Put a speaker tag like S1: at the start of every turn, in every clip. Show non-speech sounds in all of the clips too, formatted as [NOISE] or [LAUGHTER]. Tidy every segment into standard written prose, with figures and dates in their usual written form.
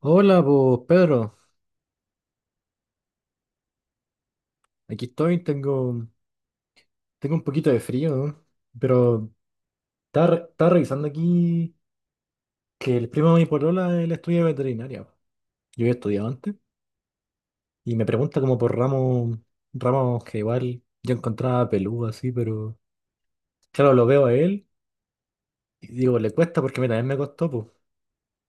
S1: Hola, pues Pedro, aquí estoy, tengo un poquito de frío, ¿no? Pero estaba revisando aquí que el primo de mi polola él estudia veterinaria, po. Yo había estudiado antes y me pregunta como por ramos, ramos que igual yo encontraba peludo así, pero claro, lo veo a él y digo, le cuesta porque a mí también me costó.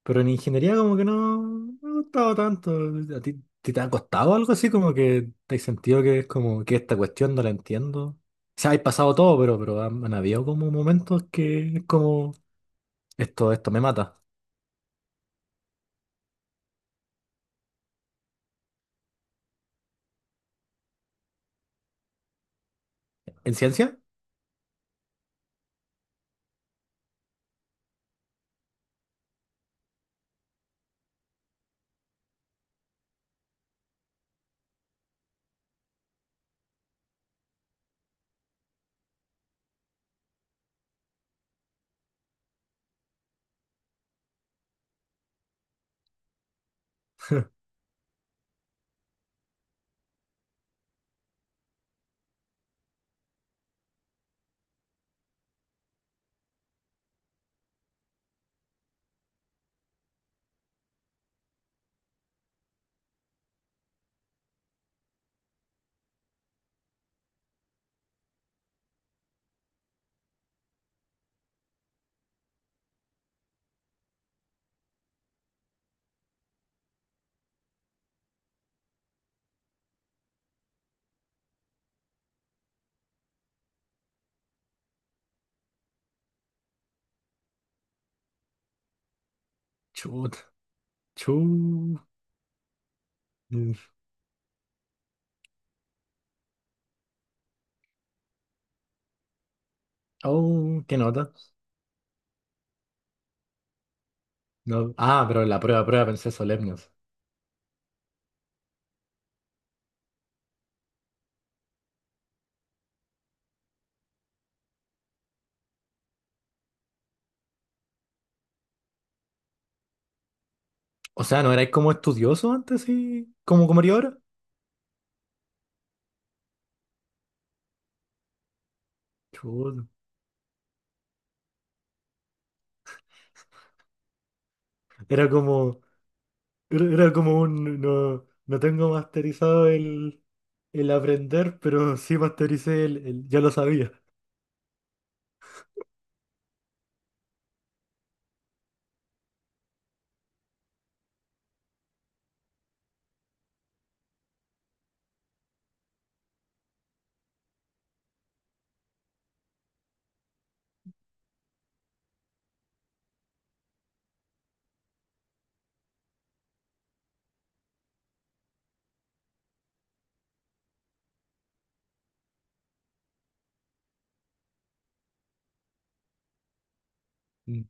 S1: Pero en ingeniería como que no me gustaba tanto. ¿A ti te ha costado algo así? Como que te has sentido que es como que esta cuestión no la entiendo. O sea, hay pasado todo, pero han, han habido como momentos que es como esto me mata. ¿En ciencia? Chut, chut. Mm. Oh, qué nota. No. Ah, pero en la prueba pensé solemnes. O sea, ¿no erais como estudioso antes y como, como eres ahora? Chut. Era como. Era como un, no, no tengo masterizado el aprender, pero [LAUGHS] sí mastericé ya lo sabía. Mm.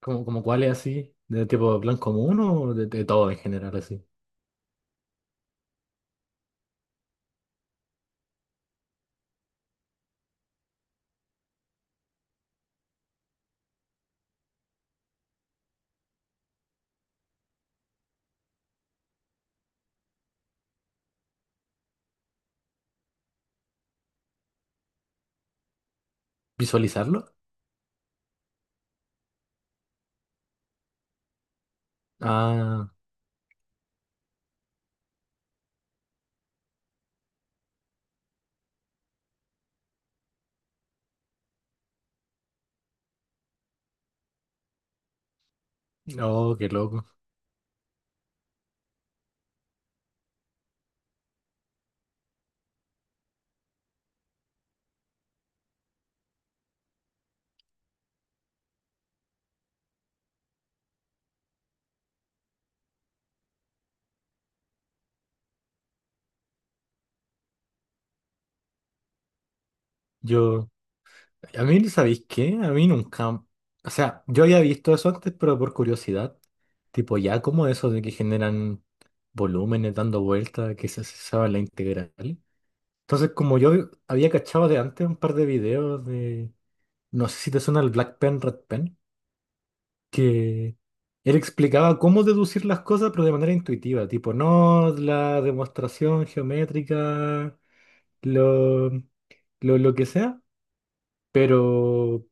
S1: ¿Como cómo cuál es así? ¿De tipo plan común o de todo en general así? ¿Visualizarlo? Ah, oh, qué loco. Yo, a mí, ¿sabéis qué? A mí nunca, o sea, yo había visto eso antes, pero por curiosidad. Tipo, ya como eso de que generan volúmenes dando vueltas, que se sabe la integral. Entonces, como yo había cachado de antes un par de videos de, no sé si te suena el Black Pen, Red Pen, que él explicaba cómo deducir las cosas, pero de manera intuitiva, tipo, no la demostración geométrica, lo que sea, pero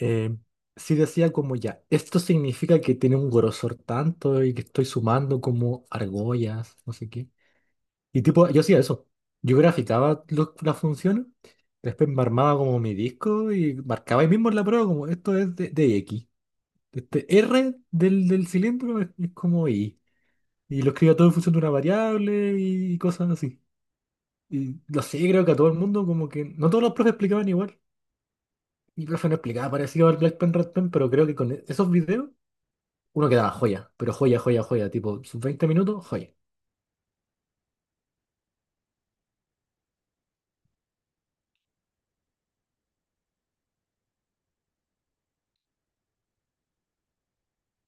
S1: eh, sí decía como ya, esto significa que tiene un grosor tanto y que estoy sumando como argollas, no sé qué. Y tipo, yo hacía eso. Yo graficaba las funciones, después me armaba como mi disco y marcaba ahí mismo en la prueba como esto es de X. Este R del cilindro es como Y. Y lo escribía todo en función de una variable y cosas así. Y lo sé, creo que a todo el mundo como que... No todos los profes explicaban igual. Mi profe no explicaba parecido al Black Pen, Red Pen, pero creo que con esos videos uno quedaba joya. Pero joya, joya, joya. Tipo, sus 20 minutos, joya.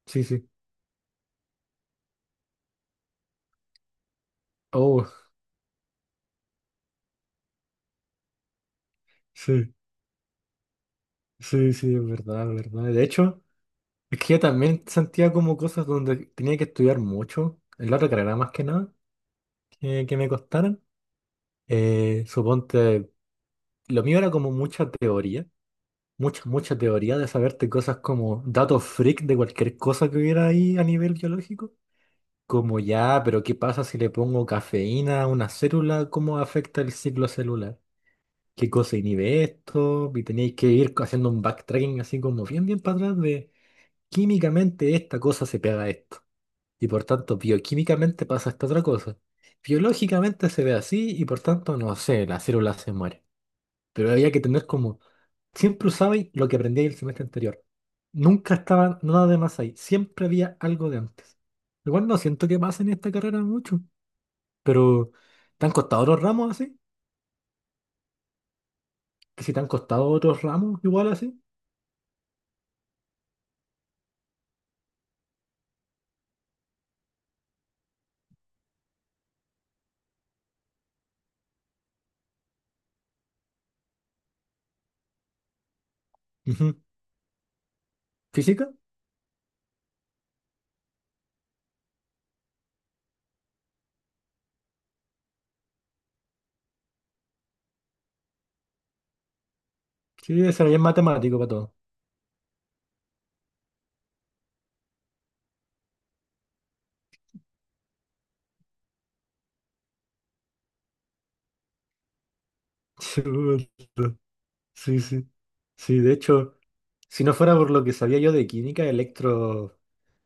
S1: Sí, sí. Oh, sí. Sí, sí, es verdad, es verdad. De hecho... Es que yo también sentía como cosas donde tenía que estudiar mucho, en la otra carrera más que nada, que me costaran. Suponte, lo mío era como mucha teoría, mucha teoría de saberte cosas como datos freak de cualquier cosa que hubiera ahí a nivel biológico. Como ya, pero ¿qué pasa si le pongo cafeína a una célula? ¿Cómo afecta el ciclo celular? ¿Qué cosa inhibe esto? Y tenéis que ir haciendo un backtracking así como bien para atrás de químicamente esta cosa se pega a esto, y por tanto bioquímicamente pasa esta otra cosa. Biológicamente se ve así y por tanto, no sé, la célula se muere. Pero había que tener como, siempre usabais lo que aprendí el semestre anterior. Nunca estaba nada de más ahí, siempre había algo de antes. Igual no siento que pase en esta carrera mucho, pero ¿te han costado otros ramos así? ¿Que si te han costado otros ramos igual así? Ujú. ¿Física? Sí, ese es matemático para todo. [LAUGHS] Chuta. Sí, sí. Sí, de hecho... Si no fuera por lo que sabía yo de química, Electro,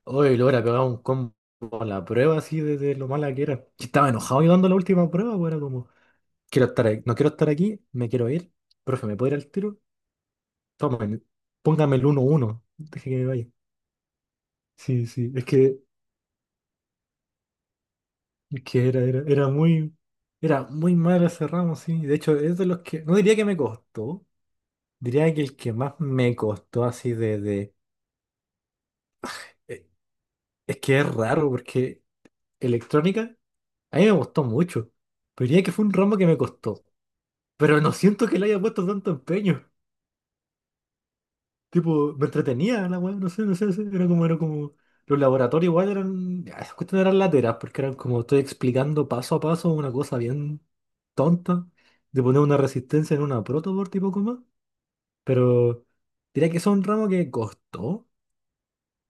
S1: hoy lo hubiera pegado un combo en la prueba así de lo mala que era. Yo estaba enojado llevando la última prueba, pues era como, no quiero estar aquí, me quiero ir. Profe, ¿me puedo ir al tiro? Tomen, póngame el uno 1, deje que me vaya. Sí, sí, es que era muy mal ese ramo, sí. De hecho, es de los que, no diría que me costó, diría que el que más me costó así eh, es que es raro porque electrónica. A mí me gustó mucho, pero diría que fue un ramo que me costó. Pero no siento que le haya puesto tanto empeño. Tipo, me entretenía la weá, no sé, era como. Los laboratorios igual eran. Ya, esas cuestiones eran lateras, porque eran como estoy explicando paso a paso una cosa bien tonta, de poner una resistencia en una protoboard tipo coma. Pero diría que eso es un ramo que costó,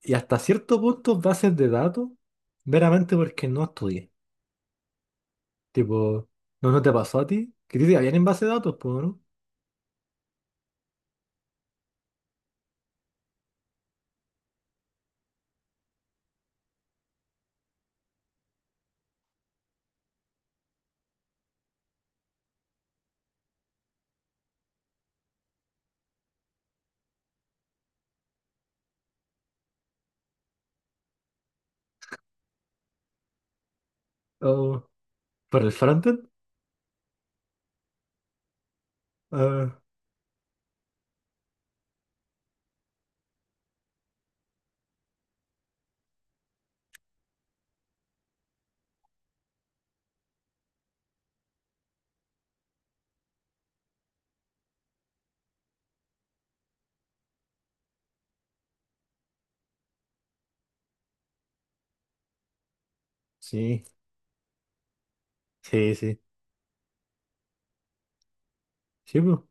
S1: y hasta cierto punto bases de datos, meramente porque no estudié. Tipo, no te pasó a ti? Que a ti te habían en base de datos, pues, ¿no? Oh, ¿para el frontend? Ah, sí, sí, sí. Sí, po.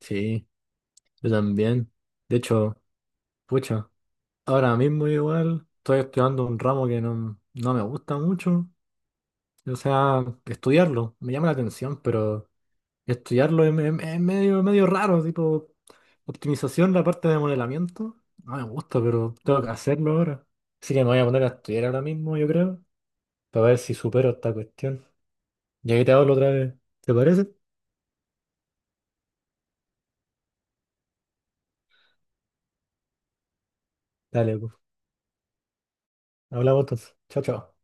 S1: Sí, yo también. De hecho, pucha, ahora mismo igual estoy estudiando un ramo que no me gusta mucho. O sea, estudiarlo me llama la atención, pero estudiarlo es medio, medio raro, tipo optimización, la parte de modelamiento. No me gusta, pero tengo que hacerlo ahora. Así que me voy a poner a estudiar ahora mismo, yo creo, para ver si supero esta cuestión. Y ahí te hablo otra vez. ¿Te parece? Dale, pues. Hablamos entonces. Chao, chao.